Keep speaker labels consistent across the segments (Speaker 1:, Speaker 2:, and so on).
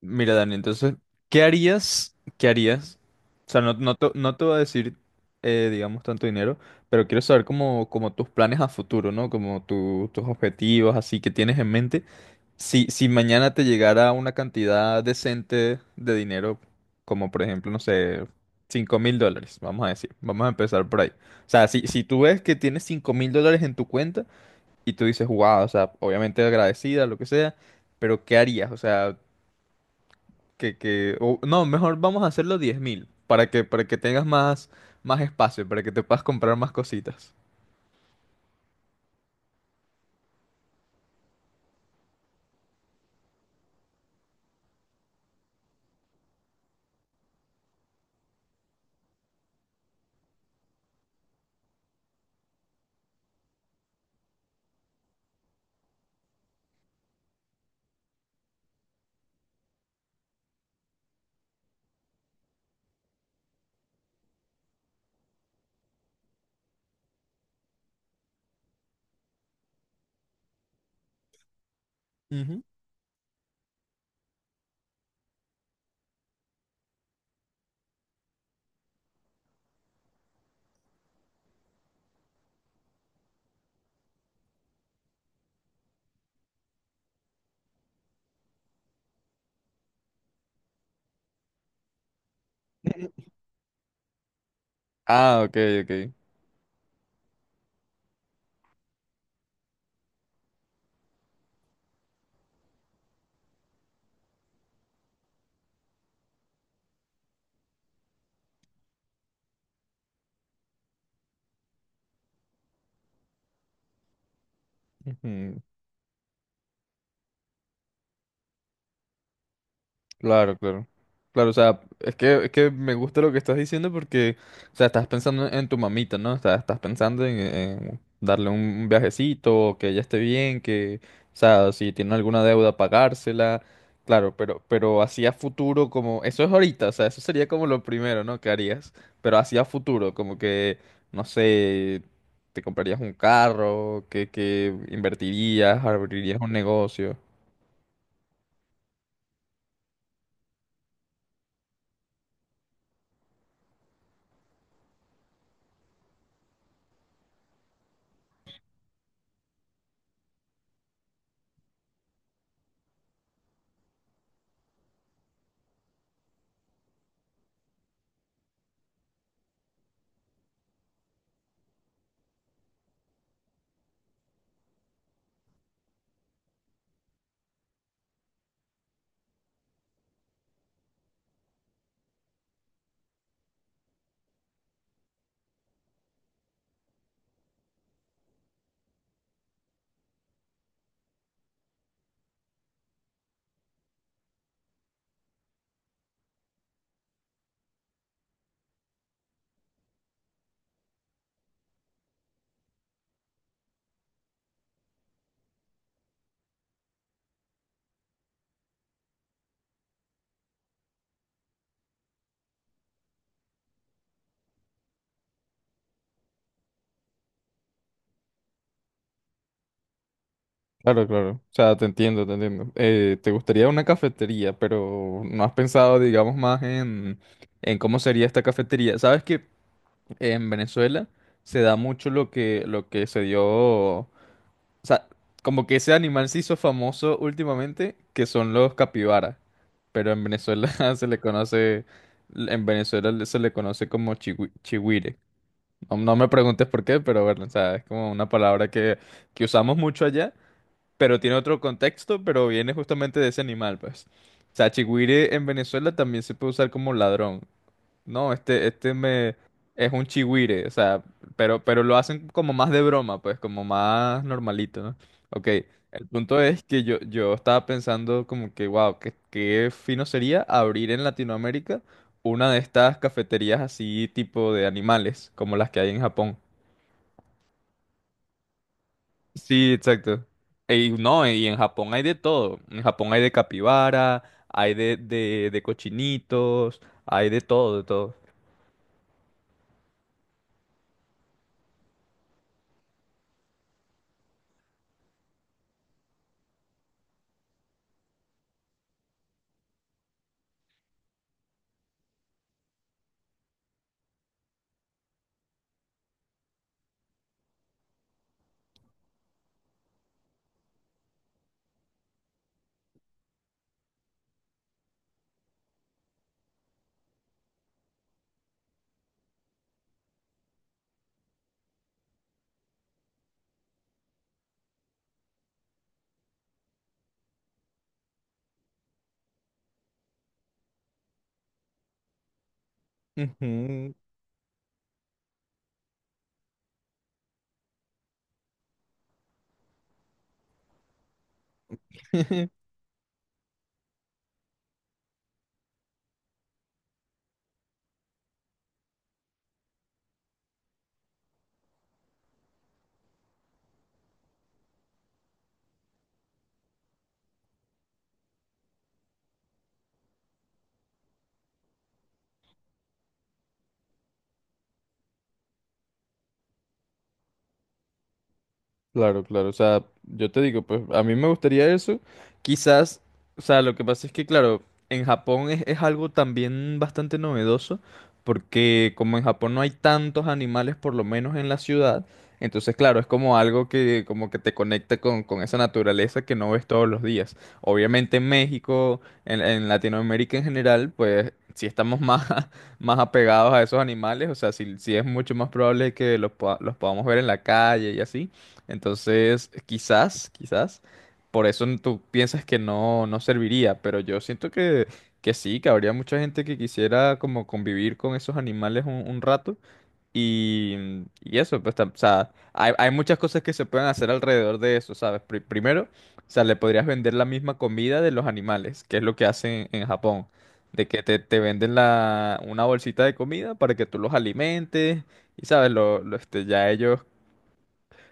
Speaker 1: Mira, Dani, entonces, ¿qué harías? O sea, no te voy a decir, digamos, tanto dinero, pero quiero saber como tus planes a futuro, ¿no? Como tus objetivos, así que tienes en mente. Si mañana te llegara una cantidad decente de dinero, como por ejemplo, no sé, $5.000, vamos a decir, vamos a empezar por ahí. O sea, si tú ves que tienes $5.000 en tu cuenta y tú dices, wow, o sea, obviamente agradecida, lo que sea, pero ¿qué harías? O sea, que o- no, mejor vamos a hacerlo 10.000 para que tengas más, más espacio, para que te puedas comprar más cositas. Ujú. Ah, ok, ok. Ujú. Claro, claro. Claro, o sea, es que me gusta lo que estás diciendo porque, o sea, estás pensando en tu mamita, ¿no? O sea, estás pensando en darle un viajecito, que ella esté bien, que, o sea, si tiene alguna deuda, pagársela. Claro, pero hacia futuro, como, eso es ahorita, o sea, eso sería como lo primero, ¿no? ¿Que harías? Pero hacia futuro, como que, no sé, te comprarías un carro, que invertirías, abrirías un negocio. Claro, claro. O sea, te entiendo, te entiendo. Te gustaría una cafetería, pero no has pensado, digamos, más en cómo sería esta cafetería. Sabes que en Venezuela se da mucho lo lo que se dio. O sea, como que ese animal se hizo famoso últimamente, que son los capibaras. Pero en Venezuela se le conoce. En Venezuela se le conoce como chihuire. No me preguntes por qué, pero bueno, o sea, es como una palabra que usamos mucho allá pero tiene otro contexto, pero viene justamente de ese animal, pues. O sea, chigüire en Venezuela también se puede usar como ladrón. No, este me es un chigüire, o sea, pero lo hacen como más de broma, pues, como más normalito, ¿no? Ok, el punto es que yo estaba pensando como que, wow, qué fino sería abrir en Latinoamérica una de estas cafeterías así tipo de animales, como las que hay en Japón. Sí, exacto. Y no, y en Japón hay de todo. En Japón hay de capibara, hay de cochinitos, hay de todo, de todo. Ujú. Claro, claro, o sea, yo te digo, pues a mí me gustaría eso, quizás, o sea, lo que pasa es que, claro, en Japón es algo también bastante novedoso, porque como en Japón no hay tantos animales, por lo menos en la ciudad, entonces, claro, es como algo que como que te conecta con esa naturaleza que no ves todos los días. Obviamente en México, en Latinoamérica en general, pues sí estamos más, más apegados a esos animales, o sea, sí, sí es mucho más probable que los, los podamos ver en la calle y así. Entonces, quizás, quizás, por eso tú piensas que no, no serviría, pero yo siento que sí, que habría mucha gente que quisiera como convivir con esos animales un rato y, mm, y eso, pues, o sea, hay muchas cosas que se pueden hacer alrededor de eso, ¿sabes? Primero, o sea, le podrías vender la misma comida de los animales, que es lo que hacen en Japón, de que te venden una bolsita de comida para que tú los alimentes y, ¿sabes? Ya ellos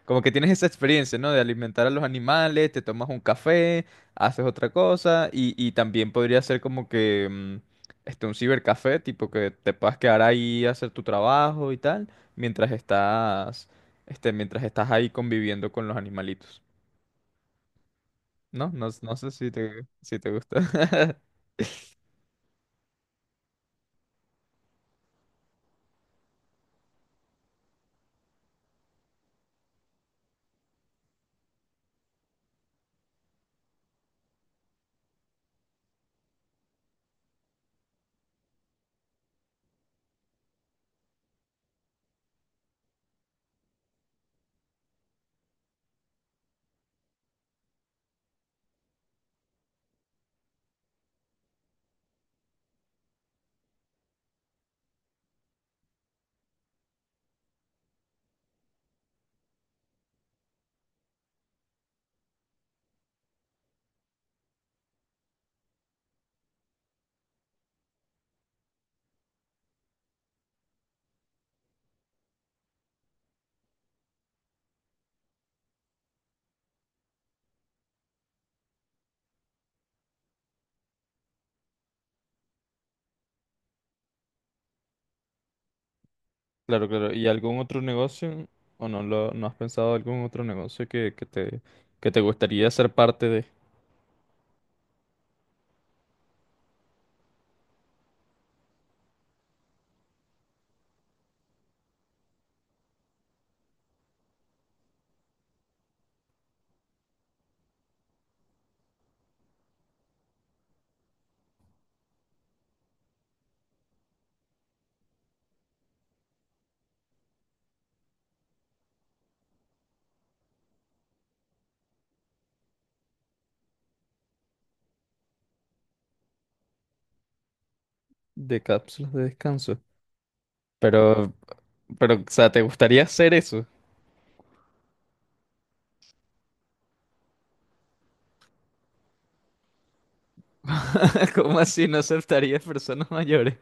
Speaker 1: como que tienes esa experiencia, ¿no? De alimentar a los animales, te tomas un café, haces otra cosa y también podría ser como que un cibercafé, tipo que te puedas quedar ahí a hacer tu trabajo y tal, mientras estás, mientras estás ahí conviviendo con los animalitos, ¿no? No, no sé si te, si te gusta. Claro, claro. ¿Y algún otro negocio? ¿O no no has pensado algún otro negocio que te gustaría ser parte de cápsulas de descanso? Pero Pero, o sea, ¿te gustaría hacer eso? ¿Cómo así no aceptarías personas mayores?